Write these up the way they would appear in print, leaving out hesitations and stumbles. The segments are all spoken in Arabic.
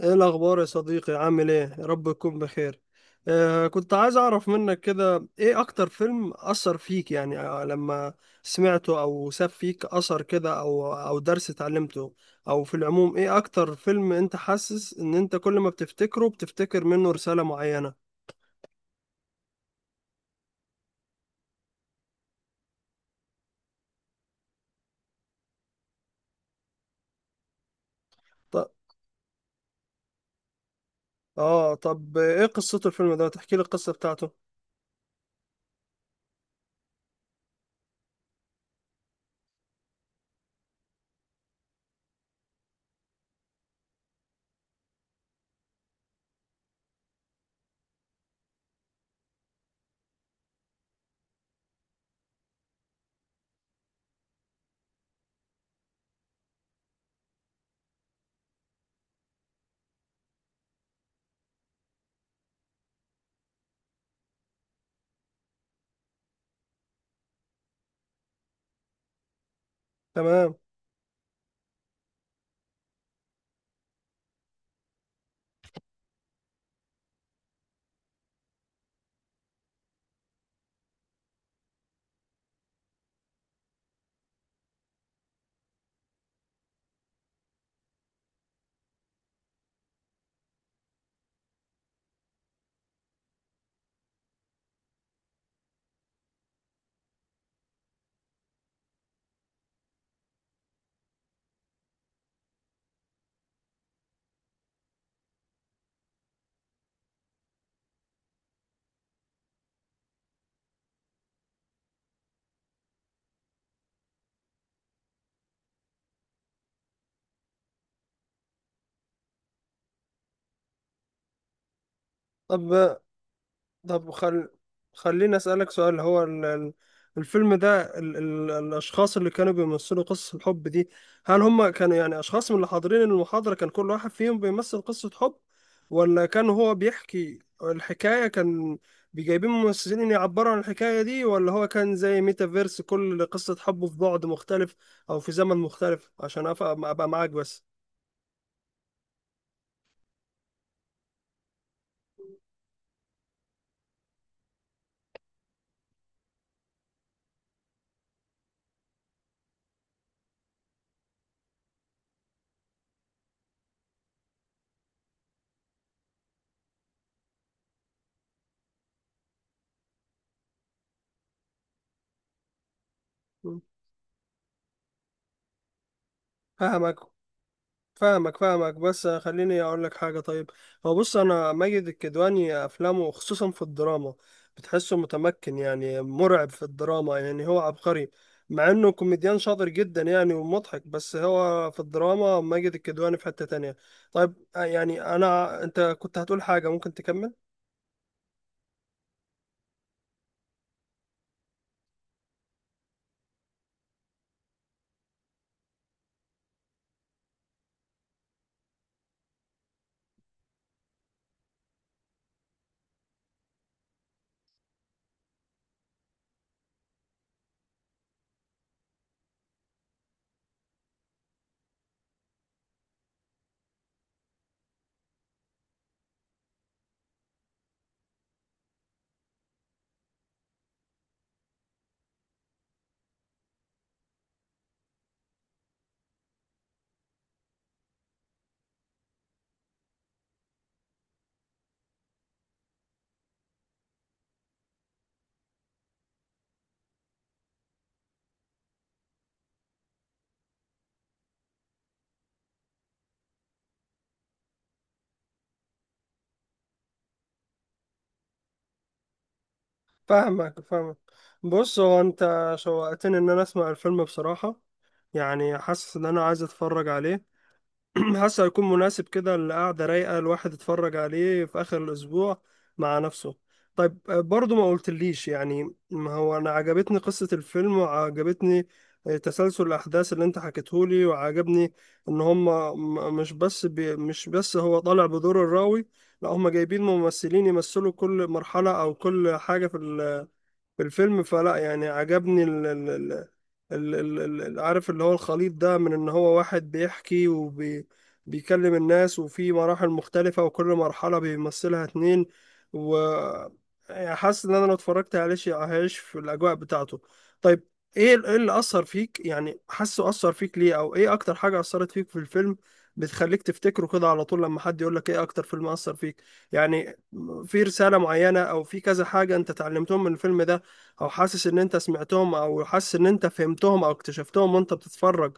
ايه الاخبار يا صديقي؟ عامل ايه؟ يا رب تكون بخير. كنت عايز اعرف منك كده، ايه اكتر فيلم اثر فيك؟ يعني لما سمعته او ساب فيك اثر كده، او درس اتعلمته، او في العموم، ايه اكتر فيلم انت حاسس ان انت كل ما بتفتكره بتفتكر منه رسالة معينة؟ طب. اه طب ايه قصته الفيلم ده؟ تحكي لي القصة بتاعته. تمام. طب طب، خليني أسألك سؤال. هو الفيلم ده، الأشخاص اللي كانوا بيمثلوا قصة الحب دي، هل هم كانوا يعني أشخاص من اللي حاضرين المحاضرة، كان كل واحد فيهم بيمثل قصة حب؟ ولا كان هو بيحكي الحكاية، كان بيجايبين ممثلين يعبروا عن الحكاية دي؟ ولا هو كان زي ميتافيرس، كل قصة حبه في بعد مختلف أو في زمن مختلف؟ عشان أبقى معاك بس. مم. فاهمك، فاهمك، فاهمك، بس خليني اقول لك حاجه. طيب، هو بص، انا ماجد الكدواني افلامه خصوصا في الدراما، بتحسه متمكن، يعني مرعب في الدراما، يعني هو عبقري. مع انه كوميديان شاطر جدا يعني ومضحك، بس هو في الدراما ماجد الكدواني في حته تانية. طيب يعني انا، انت كنت هتقول حاجه، ممكن تكمل. فاهمك، فاهمك. بص، هو انت شوقتني ان انا اسمع الفيلم بصراحه، يعني حاسس ان انا عايز اتفرج عليه. حاسه هيكون مناسب كده، القعده رايقه، الواحد يتفرج عليه في اخر الاسبوع مع نفسه. طيب، برضو ما قلتليش، يعني ما هو انا عجبتني قصه الفيلم، وعجبتني تسلسل الاحداث اللي انت حكيتهولي، وعجبني ان هم مش بس هو طالع بدور الراوي، لا هم جايبين ممثلين يمثلوا كل مرحله او كل حاجه في الفيلم، فلا يعني عجبني عارف اللي هو الخليط ده، من ان هو واحد بيحكي وبيكلم الناس، وفي مراحل مختلفة وكل مرحلة بيمثلها اتنين، و يعني حاسس ان انا لو اتفرجت عليه شيء هعيش في الاجواء بتاعته. طيب، ايه ايه اللي اثر فيك؟ يعني حاسه اثر فيك ليه، او ايه اكتر حاجة اثرت فيك في الفيلم بتخليك تفتكره كده على طول لما حد يقول لك ايه اكتر فيلم اثر فيك؟ يعني في رسالة معينة او في كذا حاجة انت اتعلمتهم من الفيلم ده، او حاسس ان انت سمعتهم، او حاسس ان انت فهمتهم او اكتشفتهم وانت بتتفرج،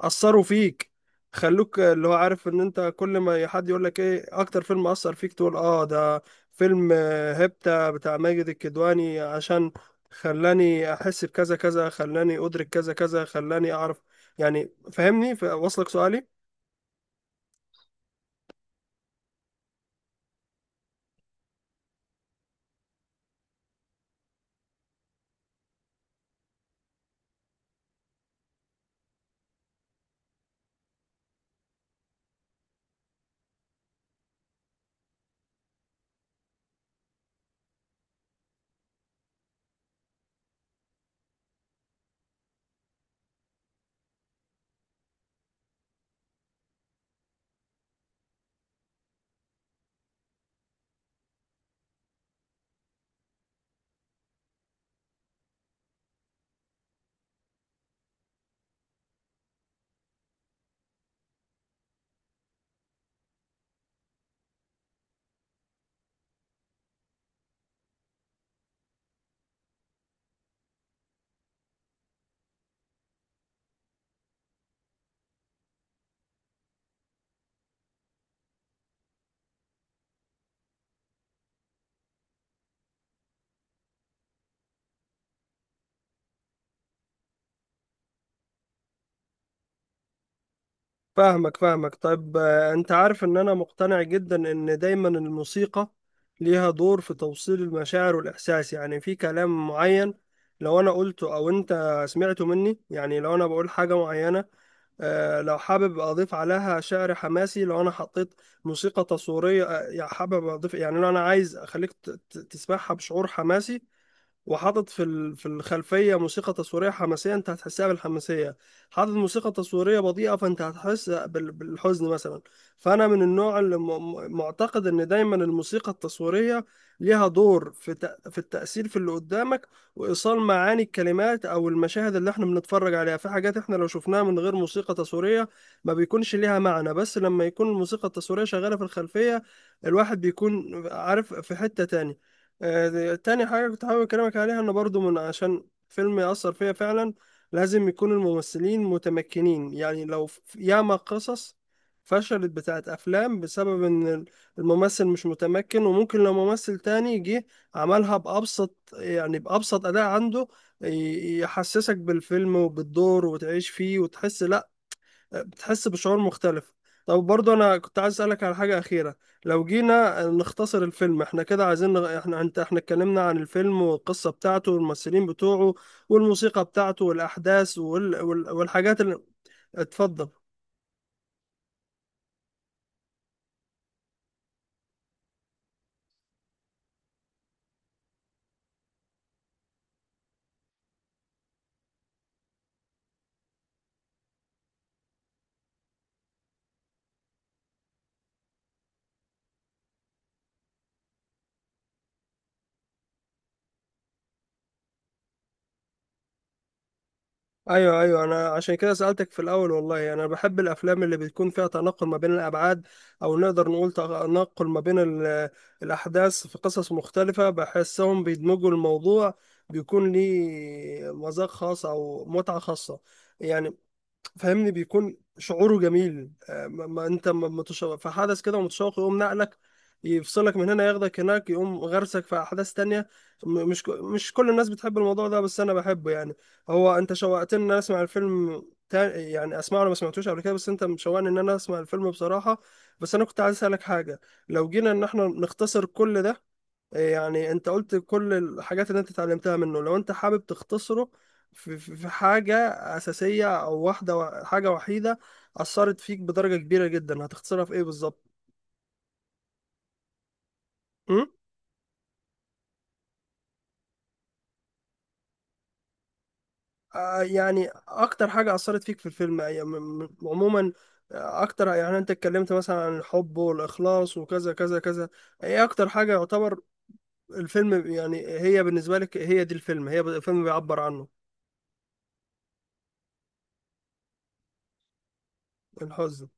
اثروا فيك، خلوك اللي هو عارف ان انت كل ما حد يقول لك ايه اكتر فيلم اثر فيك تقول اه ده فيلم هيبتا بتاع ماجد الكدواني، عشان خلاني احس بكذا كذا، خلاني ادرك كذا كذا، خلاني اعرف. يعني فاهمني؟ واصلك سؤالي؟ فاهمك، فاهمك. طيب، انت عارف ان انا مقتنع جدا ان دايما الموسيقى ليها دور في توصيل المشاعر والاحساس. يعني في كلام معين لو انا قلته او انت سمعته مني، يعني لو انا بقول حاجة معينة، لو حابب اضيف عليها شعر حماسي، لو انا حطيت موسيقى تصويرية، يعني حابب اضيف، يعني لو انا عايز اخليك تسمعها بشعور حماسي، وحاطط في في الخلفيه موسيقى تصويريه حماسيه، انت هتحسها بالحماسيه. حاطط موسيقى تصويريه بطيئه، فانت هتحس بالحزن مثلا. فانا من النوع اللي معتقد ان دايما الموسيقى التصويريه ليها دور في في التاثير في اللي قدامك، وايصال معاني الكلمات او المشاهد اللي احنا بنتفرج عليها. في حاجات احنا لو شفناها من غير موسيقى تصويريه ما بيكونش ليها معنى، بس لما يكون الموسيقى التصويريه شغاله في الخلفيه، الواحد بيكون عارف في حتة تانية. تاني حاجة كنت حابب أكلمك عليها، إن برضو من عشان فيلم يأثر فيا فعلا، لازم يكون الممثلين متمكنين. يعني لو ياما قصص فشلت بتاعت أفلام بسبب إن الممثل مش متمكن، وممكن لو ممثل تاني جه عملها بأبسط، يعني بأبسط أداء عنده يحسسك بالفيلم وبالدور وتعيش فيه، وتحس لأ، بتحس بشعور مختلف. طب برضه انا كنت عايز اسالك على حاجه اخيره. لو جينا نختصر الفيلم احنا كده، عايزين احنا انت، احنا اتكلمنا عن الفيلم والقصه بتاعته والممثلين بتوعه والموسيقى بتاعته والاحداث والحاجات اللي... اتفضل. ايوه، ايوه، انا عشان كده سألتك في الاول. والله انا بحب الافلام اللي بتكون فيها تناقل ما بين الابعاد، او نقدر نقول تناقل ما بين الاحداث في قصص مختلفة، بحسهم بيدمجوا الموضوع، بيكون ليه مذاق خاص او متعة خاصة يعني. فاهمني؟ بيكون شعوره جميل، ما ما انت ما متشوق في حدث كده، متشوق، يقوم نقلك، يفصلك من هنا، ياخدك هناك، يقوم غرسك في احداث تانية. مش كل الناس بتحب الموضوع ده، بس انا بحبه يعني. هو انت شوقتني ان انا اسمع الفيلم، يعني اسمعه، انا ما سمعتوش قبل كده، بس انت مشوقني ان انا اسمع الفيلم بصراحة. بس انا كنت عايز اسالك حاجة، لو جينا ان احنا نختصر كل ده، يعني انت قلت كل الحاجات اللي انت اتعلمتها منه، لو انت حابب تختصره في حاجة أساسية أو واحدة، حاجة وحيدة أثرت فيك بدرجة كبيرة جدا، هتختصرها في إيه بالظبط؟ م؟ يعني أكتر حاجة أثرت فيك في الفيلم يعني عموما، أكتر، يعني أنت اتكلمت مثلا عن الحب والإخلاص وكذا كذا كذا، إيه أكتر حاجة يعتبر الفيلم، يعني هي بالنسبة لك هي دي الفيلم، هي الفيلم بيعبر عنه. الحزن.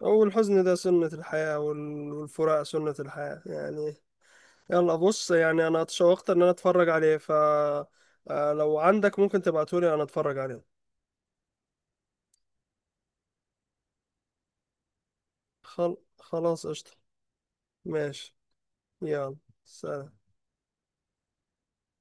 والحزن ده سنة الحياة، والفراق سنة الحياة يعني. يلا بص، يعني انا اتشوقت ان انا اتفرج عليه، ف لو عندك ممكن تبعتولي انا اتفرج عليه. خلاص قشطة. ماشي. يلا. سلام.